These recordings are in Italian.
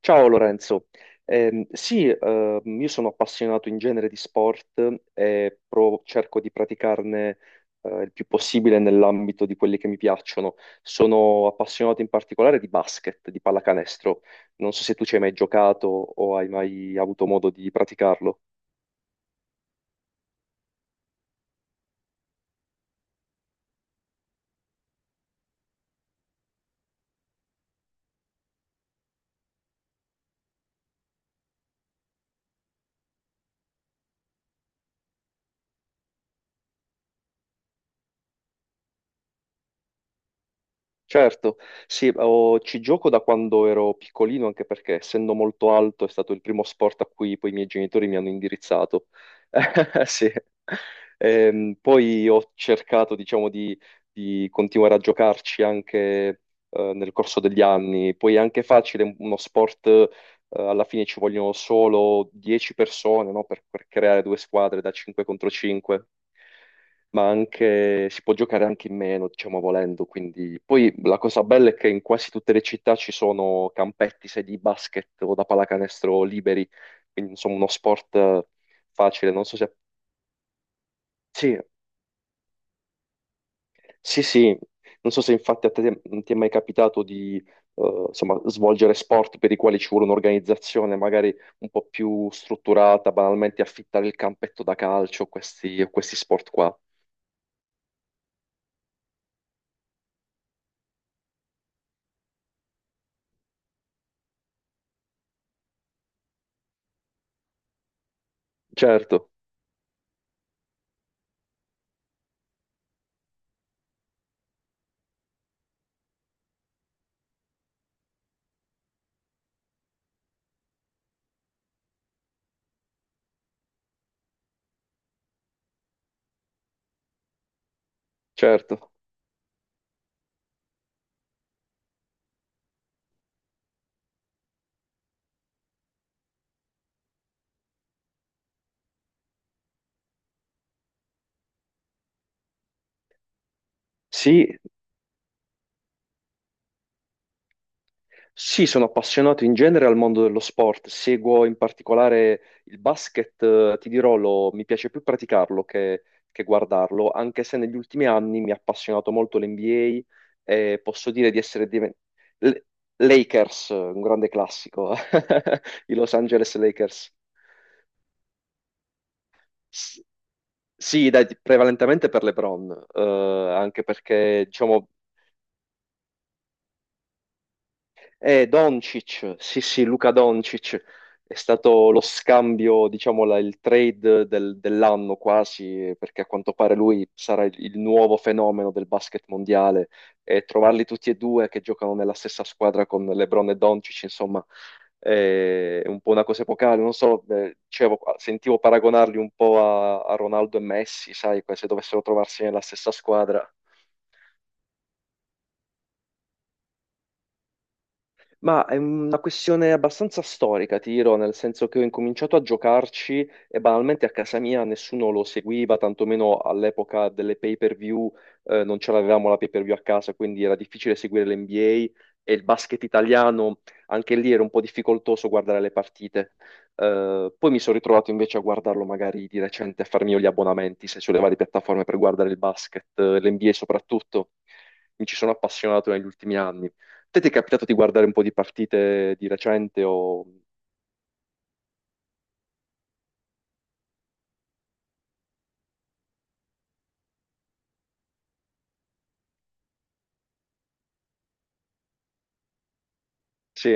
Ciao Lorenzo. Sì, io sono appassionato in genere di sport e cerco di praticarne il più possibile nell'ambito di quelli che mi piacciono. Sono appassionato in particolare di basket, di pallacanestro. Non so se tu ci hai mai giocato o hai mai avuto modo di praticarlo. Certo, sì, ci gioco da quando ero piccolino, anche perché essendo molto alto è stato il primo sport a cui poi i miei genitori mi hanno indirizzato. Sì. Poi ho cercato, diciamo, di continuare a giocarci anche nel corso degli anni. Poi è anche facile, uno sport, alla fine ci vogliono solo 10 persone, no? Per creare due squadre da 5 contro 5, ma anche si può giocare anche in meno, diciamo volendo. Quindi poi la cosa bella è che in quasi tutte le città ci sono campetti, sedi di basket o da pallacanestro liberi, quindi insomma uno sport facile. Non so se sì, sì, sì. Non so se infatti a te non ti è mai capitato di insomma, svolgere sport per i quali ci vuole un'organizzazione magari un po' più strutturata, banalmente affittare il campetto da calcio, questi sport qua. Certo, certo. Sì, sì, sono appassionato in genere al mondo dello sport, seguo in particolare il basket, ti dirò, mi piace più praticarlo che guardarlo, anche se negli ultimi anni mi ha appassionato molto l'NBA e posso dire di essere diventato... Lakers, un grande classico, i Los Angeles Lakers. S- sì, dai, prevalentemente per LeBron, anche perché diciamo, eh, Doncic, sì sì, Luca Doncic è stato lo scambio, diciamo, il trade dell'anno quasi, perché a quanto pare lui sarà il nuovo fenomeno del basket mondiale, e trovarli tutti e due che giocano nella stessa squadra con LeBron e Doncic, insomma, è un po' una cosa epocale, non so, dicevo, sentivo paragonarli un po' a Ronaldo e Messi, sai, se dovessero trovarsi nella stessa squadra. Ma è una questione abbastanza storica, ti dirò, nel senso che ho incominciato a giocarci e banalmente a casa mia nessuno lo seguiva, tantomeno all'epoca delle pay-per-view. Non ce l'avevamo la pay-per-view a casa, quindi era difficile seguire l'NBA e il basket italiano, anche lì era un po' difficoltoso guardare le partite. Poi mi sono ritrovato invece a guardarlo magari di recente, a farmi io gli abbonamenti, se sulle varie piattaforme per guardare il basket, l'NBA soprattutto. Mi ci sono appassionato negli ultimi anni. Te ti è capitato di guardare un po' di partite di recente o... Sì,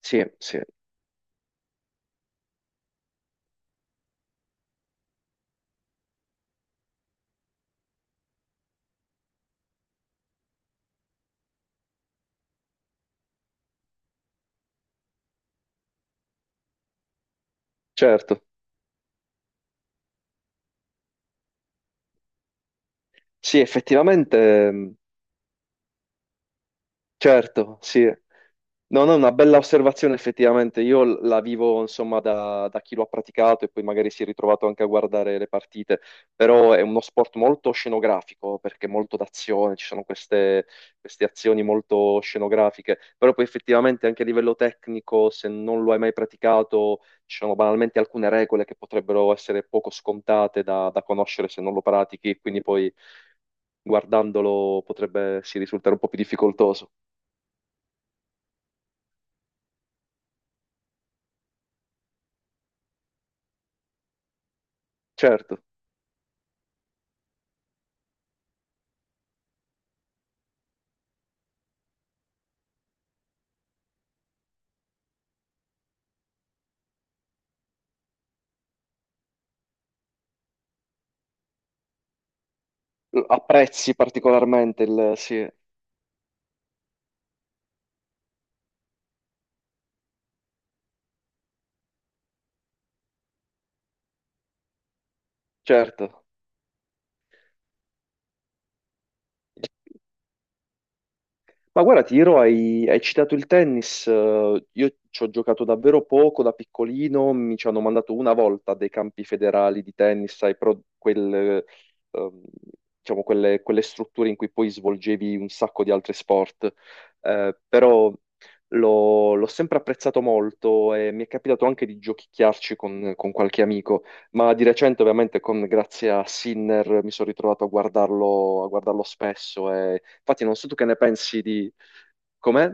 sì, sì, certo. Sì, effettivamente, certo, sì. No, no, è una bella osservazione effettivamente. Io la vivo insomma da chi lo ha praticato e poi magari si è ritrovato anche a guardare le partite, però è uno sport molto scenografico perché molto d'azione, ci sono queste azioni molto scenografiche, però poi effettivamente anche a livello tecnico, se non lo hai mai praticato, ci sono banalmente alcune regole che potrebbero essere poco scontate da conoscere se non lo pratichi, quindi poi guardandolo potrebbe sì, risultare un po' più difficoltoso. Certo. Apprezzi particolarmente il... Sì, certo. Ma guarda, ti dirò, hai citato il tennis, io ci ho giocato davvero poco da piccolino, mi ci hanno mandato una volta dei campi federali di tennis, sai, ehm, diciamo, quelle strutture in cui poi svolgevi un sacco di altri sport. Però l'ho sempre apprezzato molto e mi è capitato anche di giochicchiarci con qualche amico. Ma di recente, ovviamente, grazie a Sinner mi sono ritrovato a guardarlo spesso. E... Infatti, non so tu che ne pensi di com'è?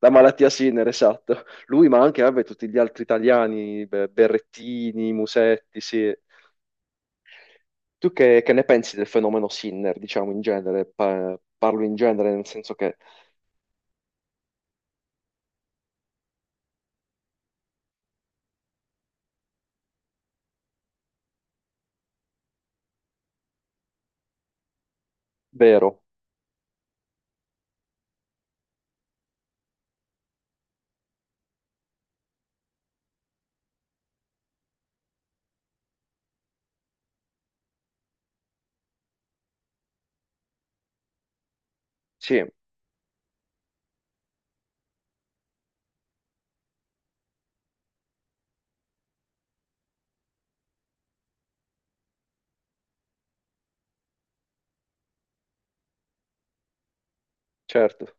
La malattia Sinner, esatto. Lui, ma anche vabbè, tutti gli altri italiani, Berrettini, Musetti, sì. Tu che ne pensi del fenomeno Sinner, diciamo in genere? Parlo in genere, nel senso che vero, sì, certo,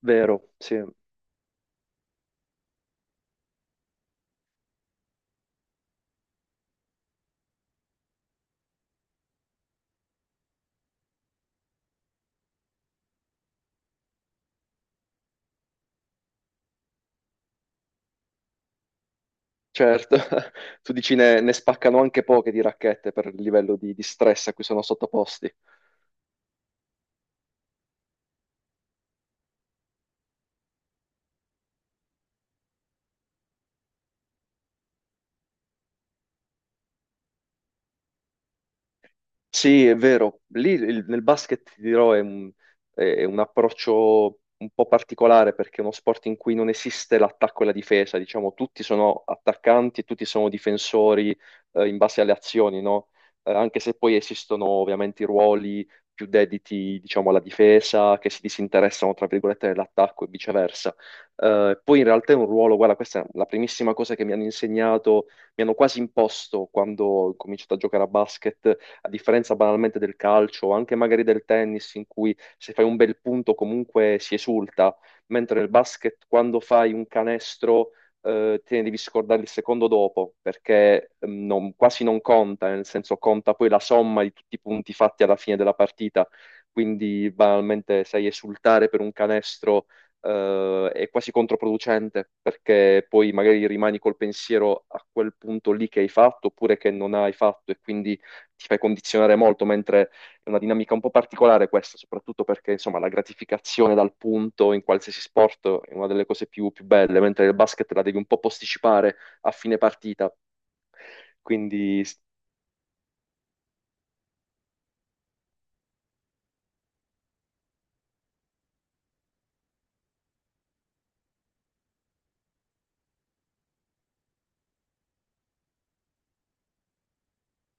vero, sì, certo. Tu dici ne spaccano anche poche di racchette per il livello di stress a cui sono sottoposti. Sì, è vero. Lì nel basket, ti dirò, è è un approccio un po' particolare perché è uno sport in cui non esiste l'attacco e la difesa. Diciamo, tutti sono attaccanti e tutti sono difensori, in base alle azioni, no? Anche se poi esistono ovviamente i ruoli più dediti, diciamo, alla difesa, che si disinteressano, tra virgolette, dell'attacco e viceversa. Poi in realtà è un ruolo, guarda, questa è la primissima cosa che mi hanno insegnato, mi hanno quasi imposto quando ho cominciato a giocare a basket, a differenza banalmente del calcio o anche magari del tennis, in cui se fai un bel punto comunque si esulta, mentre nel basket quando fai un canestro te ne devi scordare il secondo dopo, perché quasi non conta, nel senso conta poi la somma di tutti i punti fatti alla fine della partita, quindi banalmente sai esultare per un canestro è quasi controproducente perché poi magari rimani col pensiero a quel punto lì che hai fatto oppure che non hai fatto, e quindi ti fai condizionare molto, mentre è una dinamica un po' particolare questa, soprattutto perché insomma la gratificazione dal punto in qualsiasi sport è una delle cose più belle, mentre il basket la devi un po' posticipare a fine partita. Quindi,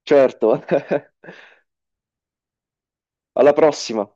certo, alla prossima!